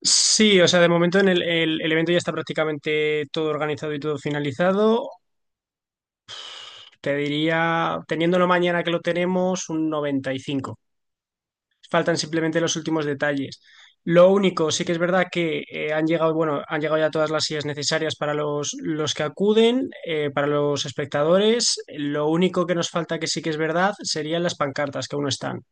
Sí, o sea, de momento en el evento ya está prácticamente todo organizado y todo finalizado. Te diría, teniéndolo mañana que lo tenemos, un 95. Faltan simplemente los últimos detalles. Lo único, sí que es verdad que han llegado, bueno, han llegado ya todas las sillas necesarias para los que acuden, para los espectadores. Lo único que nos falta que sí que es verdad serían las pancartas que aún no están.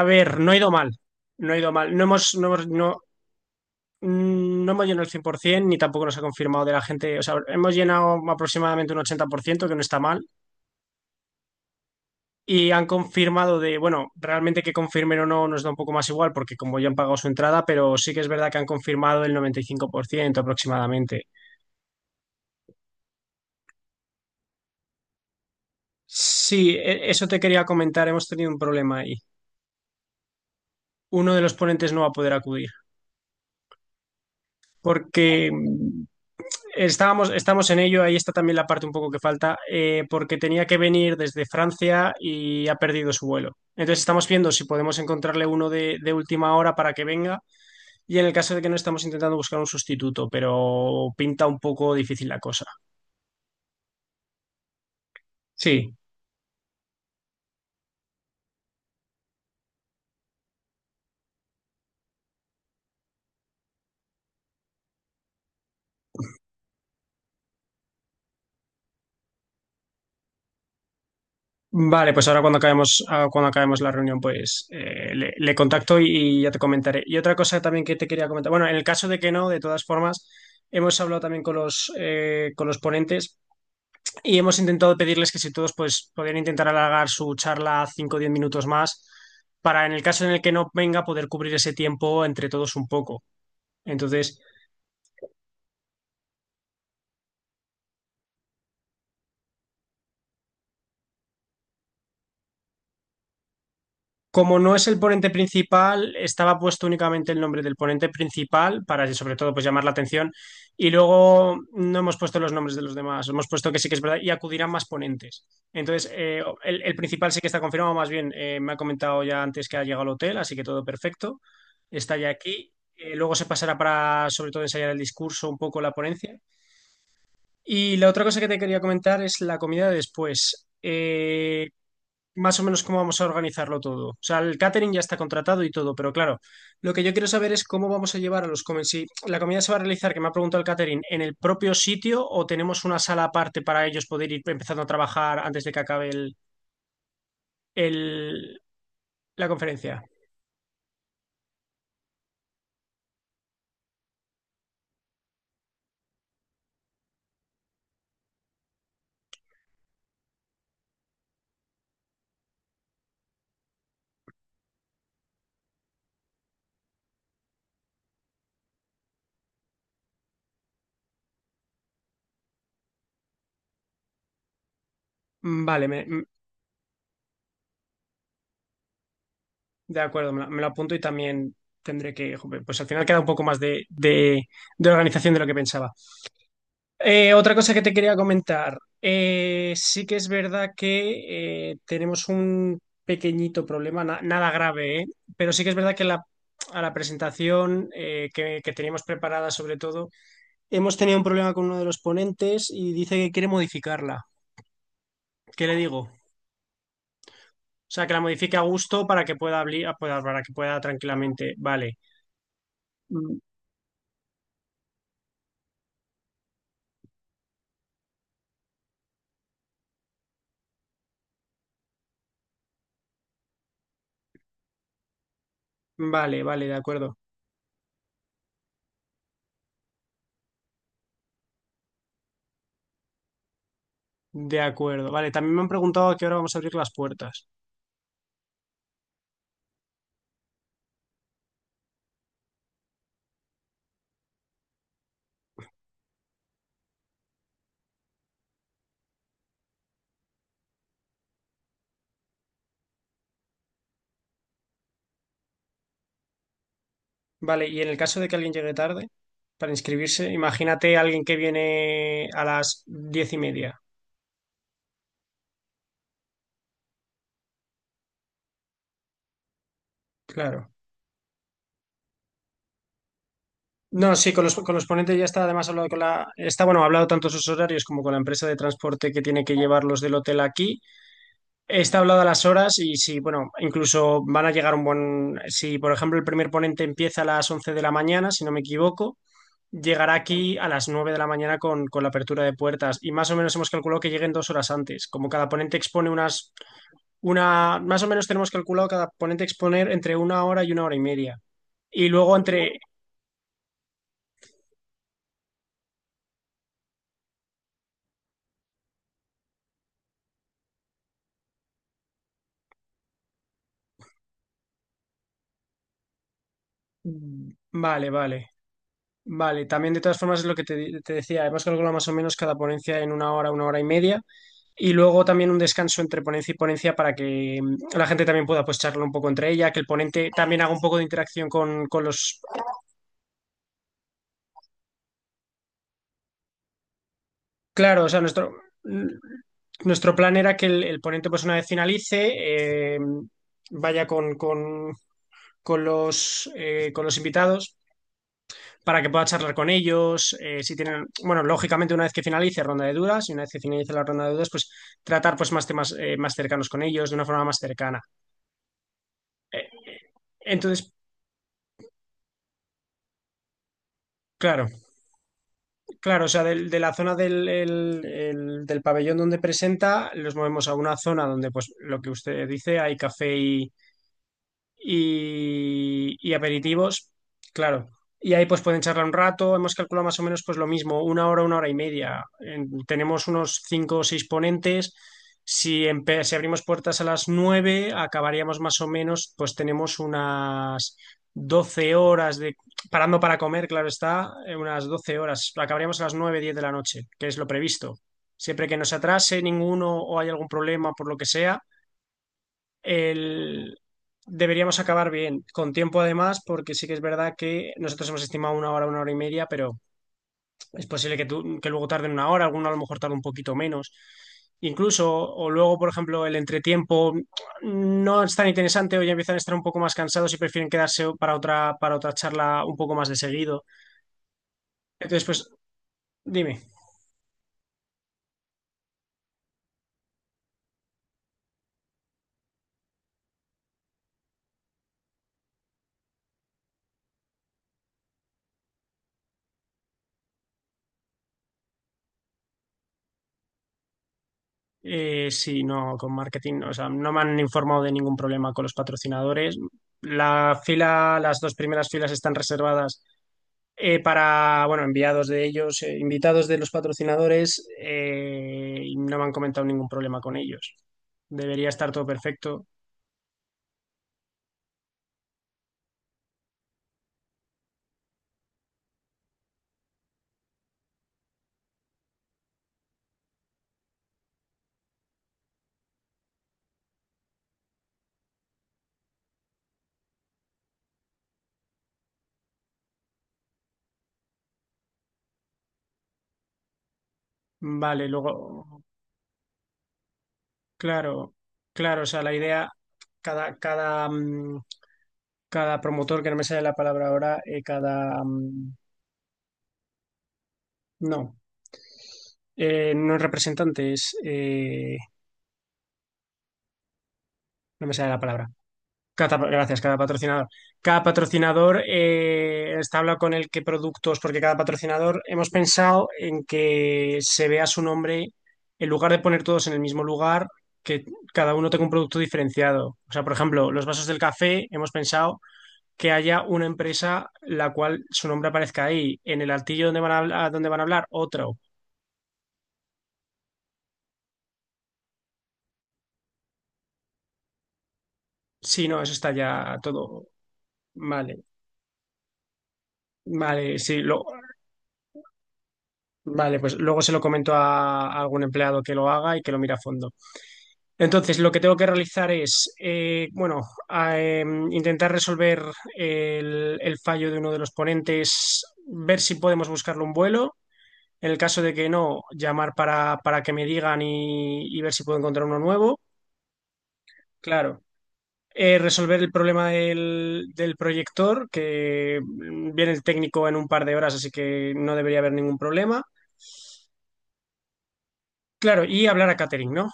A ver, no ha ido mal. No ha ido mal. No hemos llenado el 100%, ni tampoco nos ha confirmado de la gente. O sea, hemos llenado aproximadamente un 80%, que no está mal. Y han confirmado de, bueno, realmente que confirmen o no nos da un poco más igual, porque como ya han pagado su entrada, pero sí que es verdad que han confirmado el 95% aproximadamente. Sí, eso te quería comentar. Hemos tenido un problema ahí. Uno de los ponentes no va a poder acudir, porque estamos en ello, ahí está también la parte un poco que falta, porque tenía que venir desde Francia y ha perdido su vuelo. Entonces estamos viendo si podemos encontrarle uno de última hora para que venga, y en el caso de que no, estamos intentando buscar un sustituto, pero pinta un poco difícil la cosa. Sí, vale, pues ahora cuando acabemos la reunión, pues le contacto y ya te comentaré. Y otra cosa también que te quería comentar, bueno, en el caso de que no, de todas formas... Hemos hablado también con los ponentes, y hemos intentado pedirles que si todos pues podían intentar alargar su charla 5 o 10 minutos más, para en el caso en el que no venga poder cubrir ese tiempo entre todos un poco. Entonces, como no es el ponente principal, estaba puesto únicamente el nombre del ponente principal para, sobre todo, pues llamar la atención. Y luego no hemos puesto los nombres de los demás. Hemos puesto que sí que es verdad y acudirán más ponentes. Entonces, el principal sí que está confirmado. Más bien, me ha comentado ya antes que ha llegado al hotel, así que todo perfecto. Está ya aquí. Luego se pasará para, sobre todo, ensayar el discurso, un poco la ponencia. Y la otra cosa que te quería comentar es la comida de después. Más o menos cómo vamos a organizarlo todo. O sea, el catering ya está contratado y todo, pero claro, lo que yo quiero saber es cómo vamos a llevar a los comensales. Si la comida se va a realizar, que me ha preguntado el catering, ¿en el propio sitio o tenemos una sala aparte para ellos poder ir empezando a trabajar antes de que acabe el- la conferencia? Mm, vale, de acuerdo, me lo apunto y también tendré que... Jope, pues al final queda un poco más de organización de lo que pensaba. Otra cosa que te quería comentar. Sí que es verdad que tenemos un pequeñito problema, nada grave, ¿eh? Pero sí que es verdad que a la presentación que teníamos preparada, sobre todo, hemos tenido un problema con uno de los ponentes y dice que quiere modificarla. ¿Qué le digo? O sea, que la modifique a gusto para que pueda, para que pueda tranquilamente. Vale. Mm, Vale, vale, de acuerdo. De acuerdo. Vale, también me han preguntado a qué hora vamos a abrir las puertas. Vale, y en el caso de que alguien llegue tarde para inscribirse, imagínate a alguien que viene a las 10:30. Claro. No, sí, con los ponentes ya está, además hablado con la, está, bueno, ha hablado tanto sus horarios como con la empresa de transporte que tiene que llevarlos del hotel aquí. Está hablado a las horas y si, bueno, incluso van a llegar un buen, si por ejemplo el primer ponente empieza a las 11 de la mañana, si no me equivoco, llegará aquí a las 9 de la mañana con la apertura de puertas, y más o menos hemos calculado que lleguen 2 horas antes. Como cada ponente expone unas una, más o menos tenemos calculado cada ponente exponer entre una hora y media. Y luego entre, vale, vale, vale. También de todas formas es lo que te decía, hemos calculado más o menos cada ponencia en una hora y media. Y luego también un descanso entre ponencia y ponencia para que la gente también pueda pues charlar un poco entre ella, que el ponente también haga un poco de interacción con los... Claro, o sea, mm, nuestro plan era que el ponente pues una vez finalice, vaya con los invitados para que pueda charlar con ellos. Eh, si tienen, bueno, lógicamente una vez que finalice ronda de dudas y una vez que finalice la ronda de dudas, pues tratar pues más temas más cercanos con ellos de una forma más cercana. Entonces, claro, claro, o sea, la zona del pabellón donde presenta, los movemos a una zona donde pues lo que usted dice, hay café y, y aperitivos, claro. Y ahí pues pueden charlar un rato, hemos calculado más o menos pues lo mismo, una hora y media. Tenemos unos 5 o 6 ponentes. Si, si abrimos puertas a las nueve, acabaríamos más o menos, pues tenemos unas 12 horas de, parando para comer, claro está, unas 12 horas. Acabaríamos a las 9, 10 de la noche, que es lo previsto. Siempre que no se atrase ninguno o hay algún problema por lo que sea, el- deberíamos acabar bien, con tiempo además, porque sí que es verdad que nosotros hemos estimado una hora y media, pero es posible que, que luego tarden una hora, alguno a lo mejor tarde un poquito menos. Incluso, o luego, por ejemplo, el entretiempo no es tan interesante o ya empiezan a estar un poco más cansados y prefieren quedarse para otra charla un poco más de seguido. Entonces, pues, dime, si no, con marketing, o sea, no me han informado de ningún problema con los patrocinadores. Las dos primeras filas están reservadas para, bueno, enviados de ellos, invitados de los patrocinadores, y no me han comentado ningún problema con ellos. Debería estar todo perfecto. Vale, luego, claro, claro, o sea, la idea, cada, cada, mm, cada promotor, que no me sale la palabra ahora, cada, mm, no, no es representante, es, no me sale la palabra. Cada, gracias, cada patrocinador. Cada patrocinador está hablado con el qué productos, porque cada patrocinador hemos pensado en que se vea su nombre en lugar de poner todos en el mismo lugar, que cada uno tenga un producto diferenciado. O sea, por ejemplo, los vasos del café, hemos pensado que haya una empresa la cual su nombre aparezca ahí, en el altillo donde van a, donde van a hablar, otro. Sí, no, eso está ya todo. Vale, vale, sí, vale, pues luego se lo comento a algún empleado que lo haga y que lo mire a fondo. Entonces, lo que tengo que realizar es, bueno, intentar resolver el fallo de uno de los ponentes, ver si podemos buscarle un vuelo. En el caso de que no, llamar para que me digan y ver si puedo encontrar uno nuevo. Claro. Resolver el problema del proyector, que viene el técnico en un par de horas, así que no debería haber ningún problema. Claro, y hablar a catering, ¿no?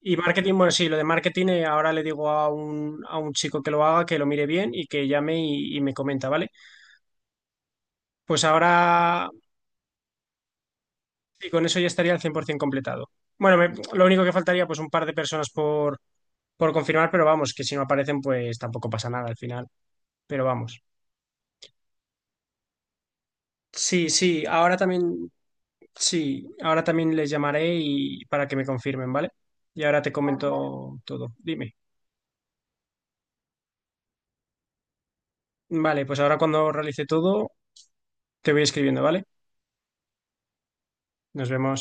Y marketing, bueno, sí, lo de marketing ahora le digo a a un chico que lo haga, que lo mire bien y que llame y me comenta, ¿vale? Pues ahora, y con eso ya estaría al 100% completado. Bueno, lo único que faltaría, pues un par de personas por confirmar, pero vamos, que si no aparecen, pues tampoco pasa nada al final, pero vamos. Sí, sí, ahora también les llamaré y para que me confirmen, ¿vale? Y ahora te comento todo. Dime. Vale, pues ahora cuando realice todo, te voy escribiendo, ¿vale? Nos vemos.